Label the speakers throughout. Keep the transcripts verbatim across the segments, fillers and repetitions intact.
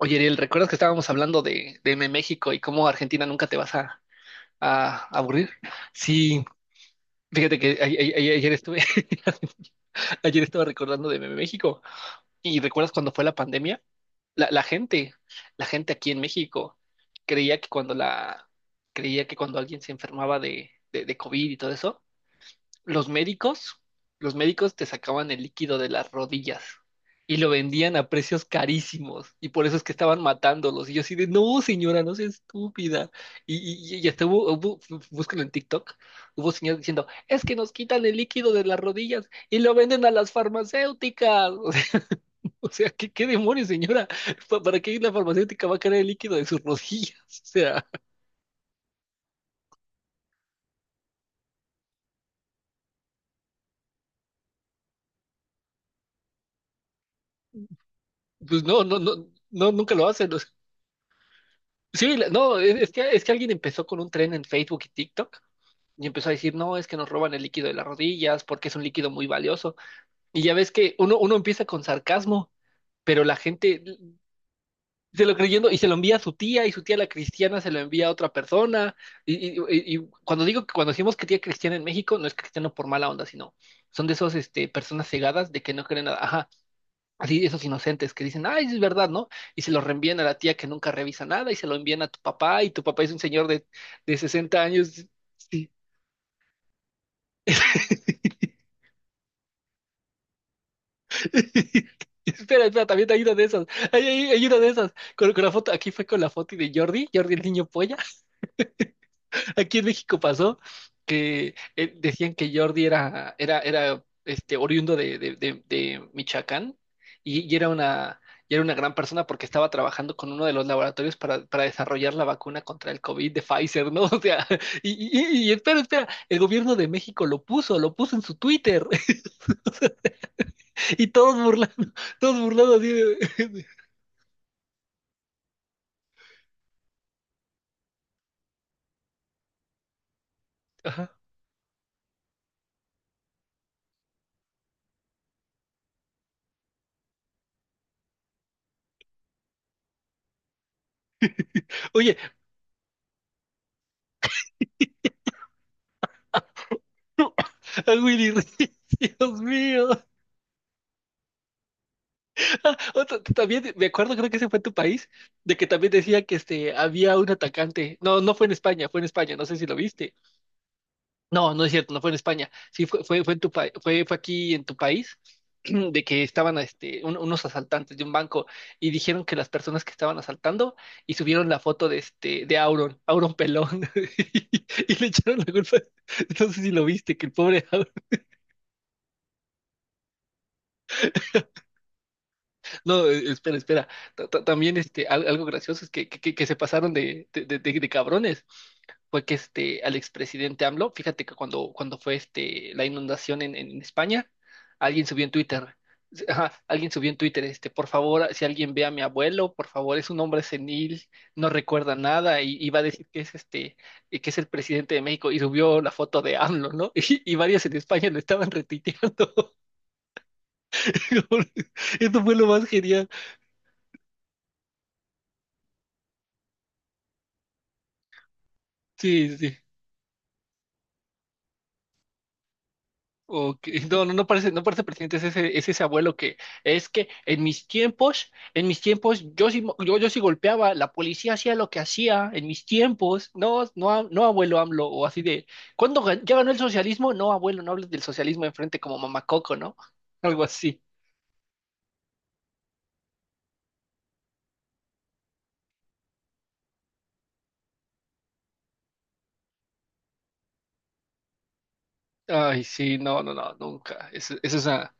Speaker 1: Oye, Ariel, ¿recuerdas que estábamos hablando de, de M México y cómo Argentina nunca te vas a, a aburrir? Sí, fíjate que a- a- a- ayer estuve, ayer estaba recordando de M México. ¿Y recuerdas cuando fue la pandemia? La, la gente, la gente aquí en México creía que cuando la, creía que cuando alguien se enfermaba de, de, de COVID y todo eso, los médicos, los médicos te sacaban el líquido de las rodillas y lo vendían a precios carísimos y por eso es que estaban matándolos. Y yo así de, no, señora, no sea estúpida. Y, y, y hasta hubo, hubo- búscalo en TikTok, hubo señores diciendo, es que nos quitan el líquido de las rodillas y lo venden a las farmacéuticas. O sea, o sea, ¿qué, qué demonios, señora? ¿Pa- ¿Para qué la farmacéutica va a querer el líquido de sus rodillas? O sea, pues no, no, no, no, nunca lo hacen. Sí, la- no, es es que, es que alguien empezó con un tren en Facebook y TikTok y empezó a decir, no, es que nos roban el líquido de las rodillas porque es un líquido muy valioso. Y ya ves que uno, uno empieza con sarcasmo, pero la gente l- se lo creyendo y se lo envía a su tía y su tía la cristiana se lo envía a otra persona. Y, y- y- y cuando digo que cuando decimos que tía cristiana en México, no es cristiano por mala onda, sino son de esas este, personas cegadas de que no creen nada. Ajá. Así, esos inocentes que dicen, ay, es verdad, ¿no? Y se lo reenvían a la tía que nunca revisa nada y se lo envían a tu papá y tu papá es un señor de, de sesenta años. Sí. Espera, espera, también hay una de esas. Hay, hay- hay una de esas. Con, con la foto, aquí fue con la foto de Jordi, Jordi el niño polla. Aquí en México pasó que eh, decían que Jordi era, era, era este, oriundo de, de, de- de Michoacán y, y era una, y era una gran persona porque estaba trabajando con uno de los laboratorios para, para desarrollar la vacuna contra el COVID de Pfizer, ¿no? O sea, y, y, y espera, espera, el gobierno de México lo puso, lo puso en su Twitter y todos burlando, todos burlando así de. Ajá. Oye, a Willy Dios mío. Otro- t- también me acuerdo, creo que ese fue en tu país, de que también decía que este, había un atacante. No, no fue en España, fue en España, no sé si lo viste. No, no es cierto, no fue en España. Sí, fue, fue, fue en tu pa- fue, fue aquí en tu país, de que estaban este, un- unos asaltantes de un banco y dijeron que las personas que estaban asaltando y subieron la foto de, este, de Auron, Auron Pelón, y le echaron la culpa. No sé si lo viste, que el pobre. No, eh, espera, espera. Ta- ta- También este, al- algo gracioso es que, que, que se pasaron de, de, de, de- de cabrones. Fue que este, al expresidente AMLO, fíjate que cuando, cuando fue este, la inundación en, en España, alguien subió en Twitter. Ajá, alguien subió en Twitter, este, por favor, si alguien ve a mi abuelo, por favor, es un hombre senil, no recuerda nada, y, y va a decir que es este, eh, que es el presidente de México, y subió la foto de AMLO, ¿no? Y, y varios en España lo estaban retuiteando. Esto fue lo más genial. Sí, sí, sí. Ok. No, no, no parece, no parece presidente, es ese, es ese abuelo que es que en mis tiempos, en mis tiempos, yo sí, mo- yo, yo sí golpeaba, la policía hacía lo que hacía, en mis tiempos, no, no, a- no abuelo AMLO, o así de, ¿cuándo gan- ya ganó el socialismo? No, abuelo, no hables del socialismo enfrente como mamacoco, ¿no? Algo así. Ay, sí, no, no, no, nunca. Eso, eso es una.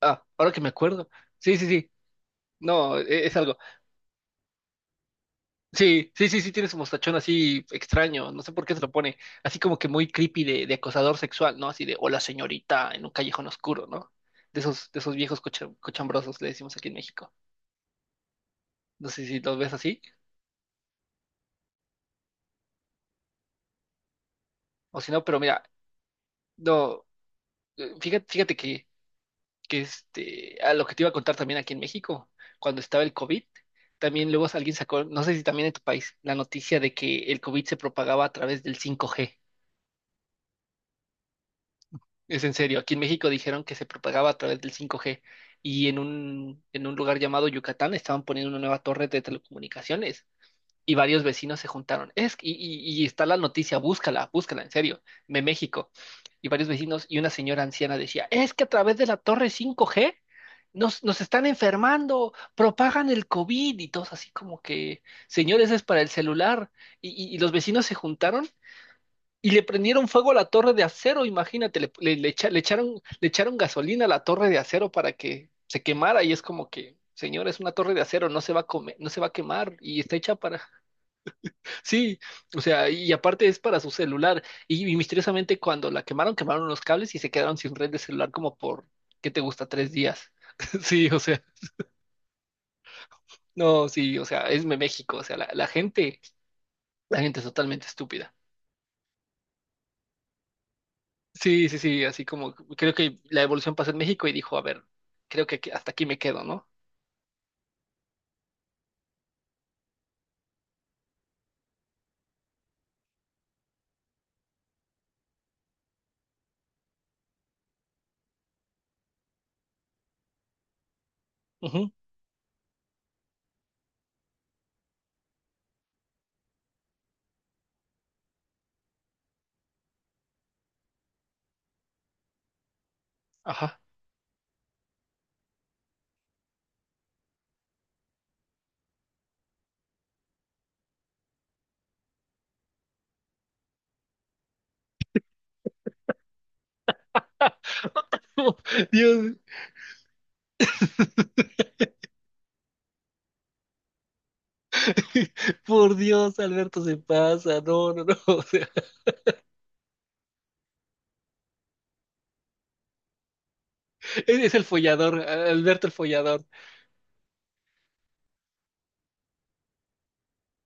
Speaker 1: Ah, ahora que me acuerdo. Sí, sí, sí. No, e- es, algo. Sí, sí, sí, sí, tiene su mostachón así extraño, no sé por qué se lo pone, así como que muy creepy de, de acosador sexual, ¿no? Así de, hola señorita, en un callejón oscuro, ¿no? De esos, de esos viejos cocha- cochambrosos, le decimos aquí en México. No sé si los ves así, o si no, pero mira, no, eh, fíjate, fíjate que, que este, a lo que te iba a contar también aquí en México, cuando estaba el COVID, también luego alguien sacó, no sé si también en tu país, la noticia de que el COVID se propagaba a través del cinco G. Es en serio, aquí en México dijeron que se propagaba a través del cinco G y en un, en un lugar llamado Yucatán estaban poniendo una nueva torre de telecomunicaciones y varios vecinos se juntaron. Es, y, y- y está la noticia, búscala, búscala, en serio, de México. Y varios vecinos y una señora anciana decía, es que a través de la torre cinco G nos, nos están enfermando, propagan el COVID y todos así como que, señores, es para el celular. y y- y los vecinos se juntaron y le prendieron fuego a la torre de acero, imagínate, le, le- le echa- le echaron, le echaron gasolina a la torre de acero para que se quemara y es como que, señor, es una torre de acero, no se va a comer, no se va a quemar y está hecha para. Sí, o sea, y aparte es para su celular y, y misteriosamente cuando la quemaron, quemaron los cables y se quedaron sin red de celular como por, ¿qué te gusta? Tres días. Sí, o sea, no, sí, o sea, es México, o sea, la la gente, la gente es totalmente estúpida. Sí, sí, sí, así como creo que la evolución pasó en México y dijo, a ver, creo que aquí- hasta aquí me quedo, ¿no? Ujú, ajá. Dios. Por Dios, Alberto se pasa, no, no, no, o sea, es, es el follador, Alberto el follador,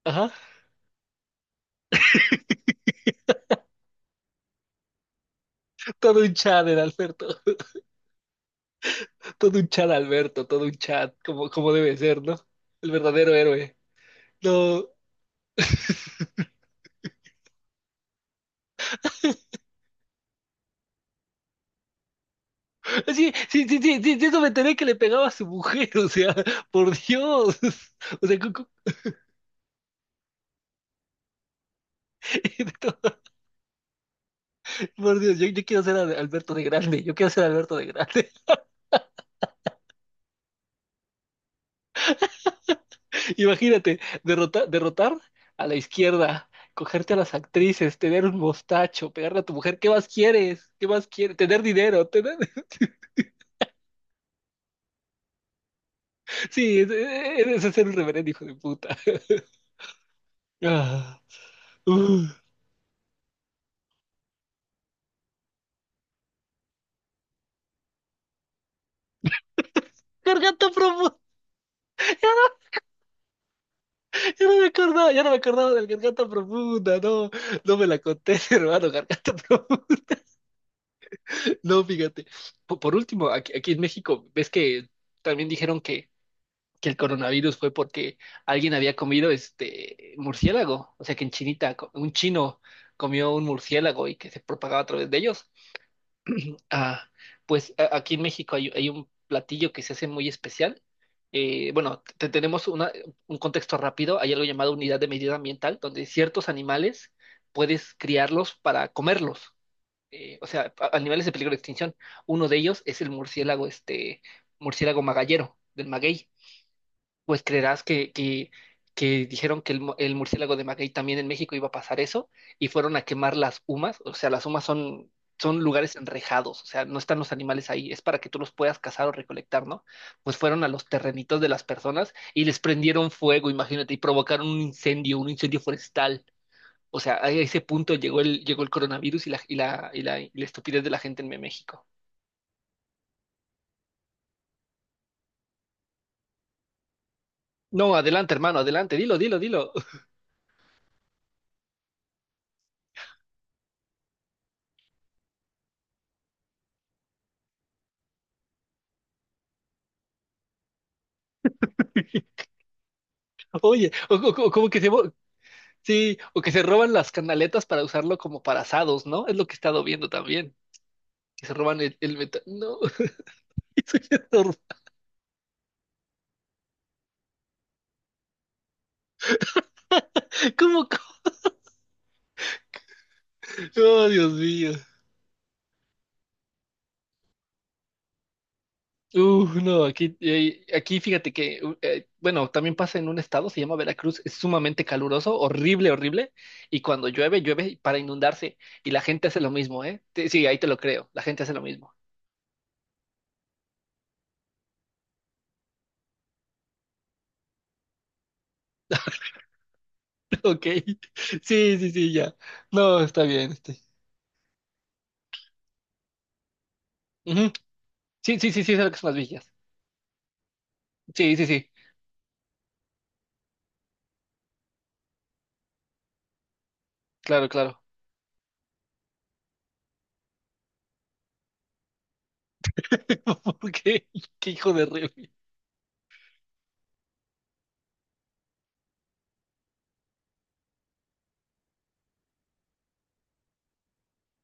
Speaker 1: ajá, todo un chat el Alberto, todo un chat Alberto, todo un chat, como, como debe ser, ¿no? El verdadero héroe. No, sí, sí, sí, sí, sí, de eso me enteré que le pegaba a su mujer, o sea, por Dios, o sea, cu- cu- Por Dios, yo, yo quiero ser Al- Alberto de grande, yo quiero ser Alberto de grande. Imagínate, derrotar, derrotar a la izquierda, cogerte a las actrices, tener un mostacho, pegarle a tu mujer, ¿qué más quieres? ¿Qué más quieres? Tener dinero, tener. Sí, ese es, es- es ser un reverendo hijo de puta. Ah, uh. Garganta profunda. ya no me acordaba, ya no me acordaba del garganta profunda, no, no me la conté, hermano, garganta profunda. No, fíjate. Por, por último, aquí, aquí en México, ves que también dijeron que el coronavirus fue porque alguien había comido este murciélago, o sea que en Chinita co- un chino comió un murciélago y que se propagaba a través de ellos. Ah, pues a- aquí en México hay, hay un platillo que se hace muy especial. Eh, bueno, te- tenemos una- un contexto rápido. Hay algo llamado unidad de medida ambiental, donde ciertos animales puedes criarlos para comerlos. Eh, o sea, a- animales de peligro de extinción. Uno de ellos es el murciélago, este murciélago magallero del maguey pues creerás que, que, que dijeron que el, mu- el murciélago de Maguey también en México iba a pasar eso y fueron a quemar las humas. O sea, las humas son, son lugares enrejados, o sea, no están los animales ahí, es para que tú los puedas cazar o recolectar, ¿no? Pues fueron a los terrenitos de las personas y les prendieron fuego, imagínate, y provocaron un incendio, un incendio forestal. O sea, a ese punto llegó el llegó el coronavirus y la, y la, y la, y la estupidez de la gente en México. No, adelante, hermano, adelante, dilo, dilo, dilo. Oye, o- o- o- ¿cómo que se? Sí, o que se roban las canaletas para usarlo como para asados, ¿no? Es lo que he estado viendo también. Que se roban el, el metal. No, eso ya es hor- ¿cómo? co- Oh, Dios mío. Uh, no, aquí, eh, aquí fíjate que, uh, eh, bueno, también pasa en un estado, se llama Veracruz, es sumamente caluroso, horrible, horrible, y cuando llueve, llueve para inundarse, y la gente hace lo mismo, ¿eh? Te- sí, ahí te lo creo, la gente hace lo mismo. Ok, sí, sí, sí, ya. No, está bien. Este. Ujú. Sí, sí, sí, sí, es algo que son las villas. Sí, sí, sí, claro, claro. ¿Qué, qué hijo de Remy?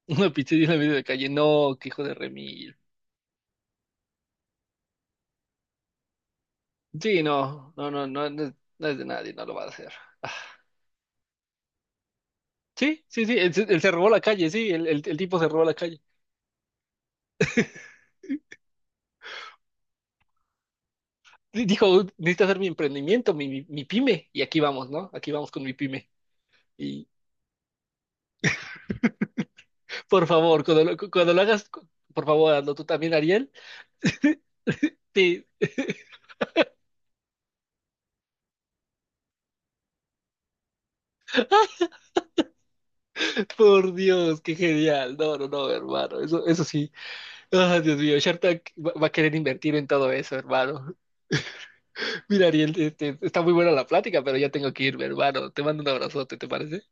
Speaker 1: Una pizzería en la medio de calle. No, qué hijo de Remy. Sí, no, no, no, no, no es no es de nadie, no lo va a hacer. Ah. Sí, sí, sí, él, se él se robó la calle, sí, el, el- el tipo se robó la calle. Y dijo, necesito hacer mi emprendimiento, mi, mi, mi pyme, y aquí vamos, ¿no? Aquí vamos con mi pyme. Y por favor, cuando lo, cu- cuando lo hagas, cu- por favor, hazlo tú también, Ariel. Sí. Por Dios, qué genial. No, no, no, hermano, eso, eso sí. Ah, Dios mío, Shark Tank va, va a querer invertir en todo eso, hermano. Mira, Ariel, este, está muy buena la plática, pero ya tengo que irme, hermano. Te mando un abrazote, ¿te parece?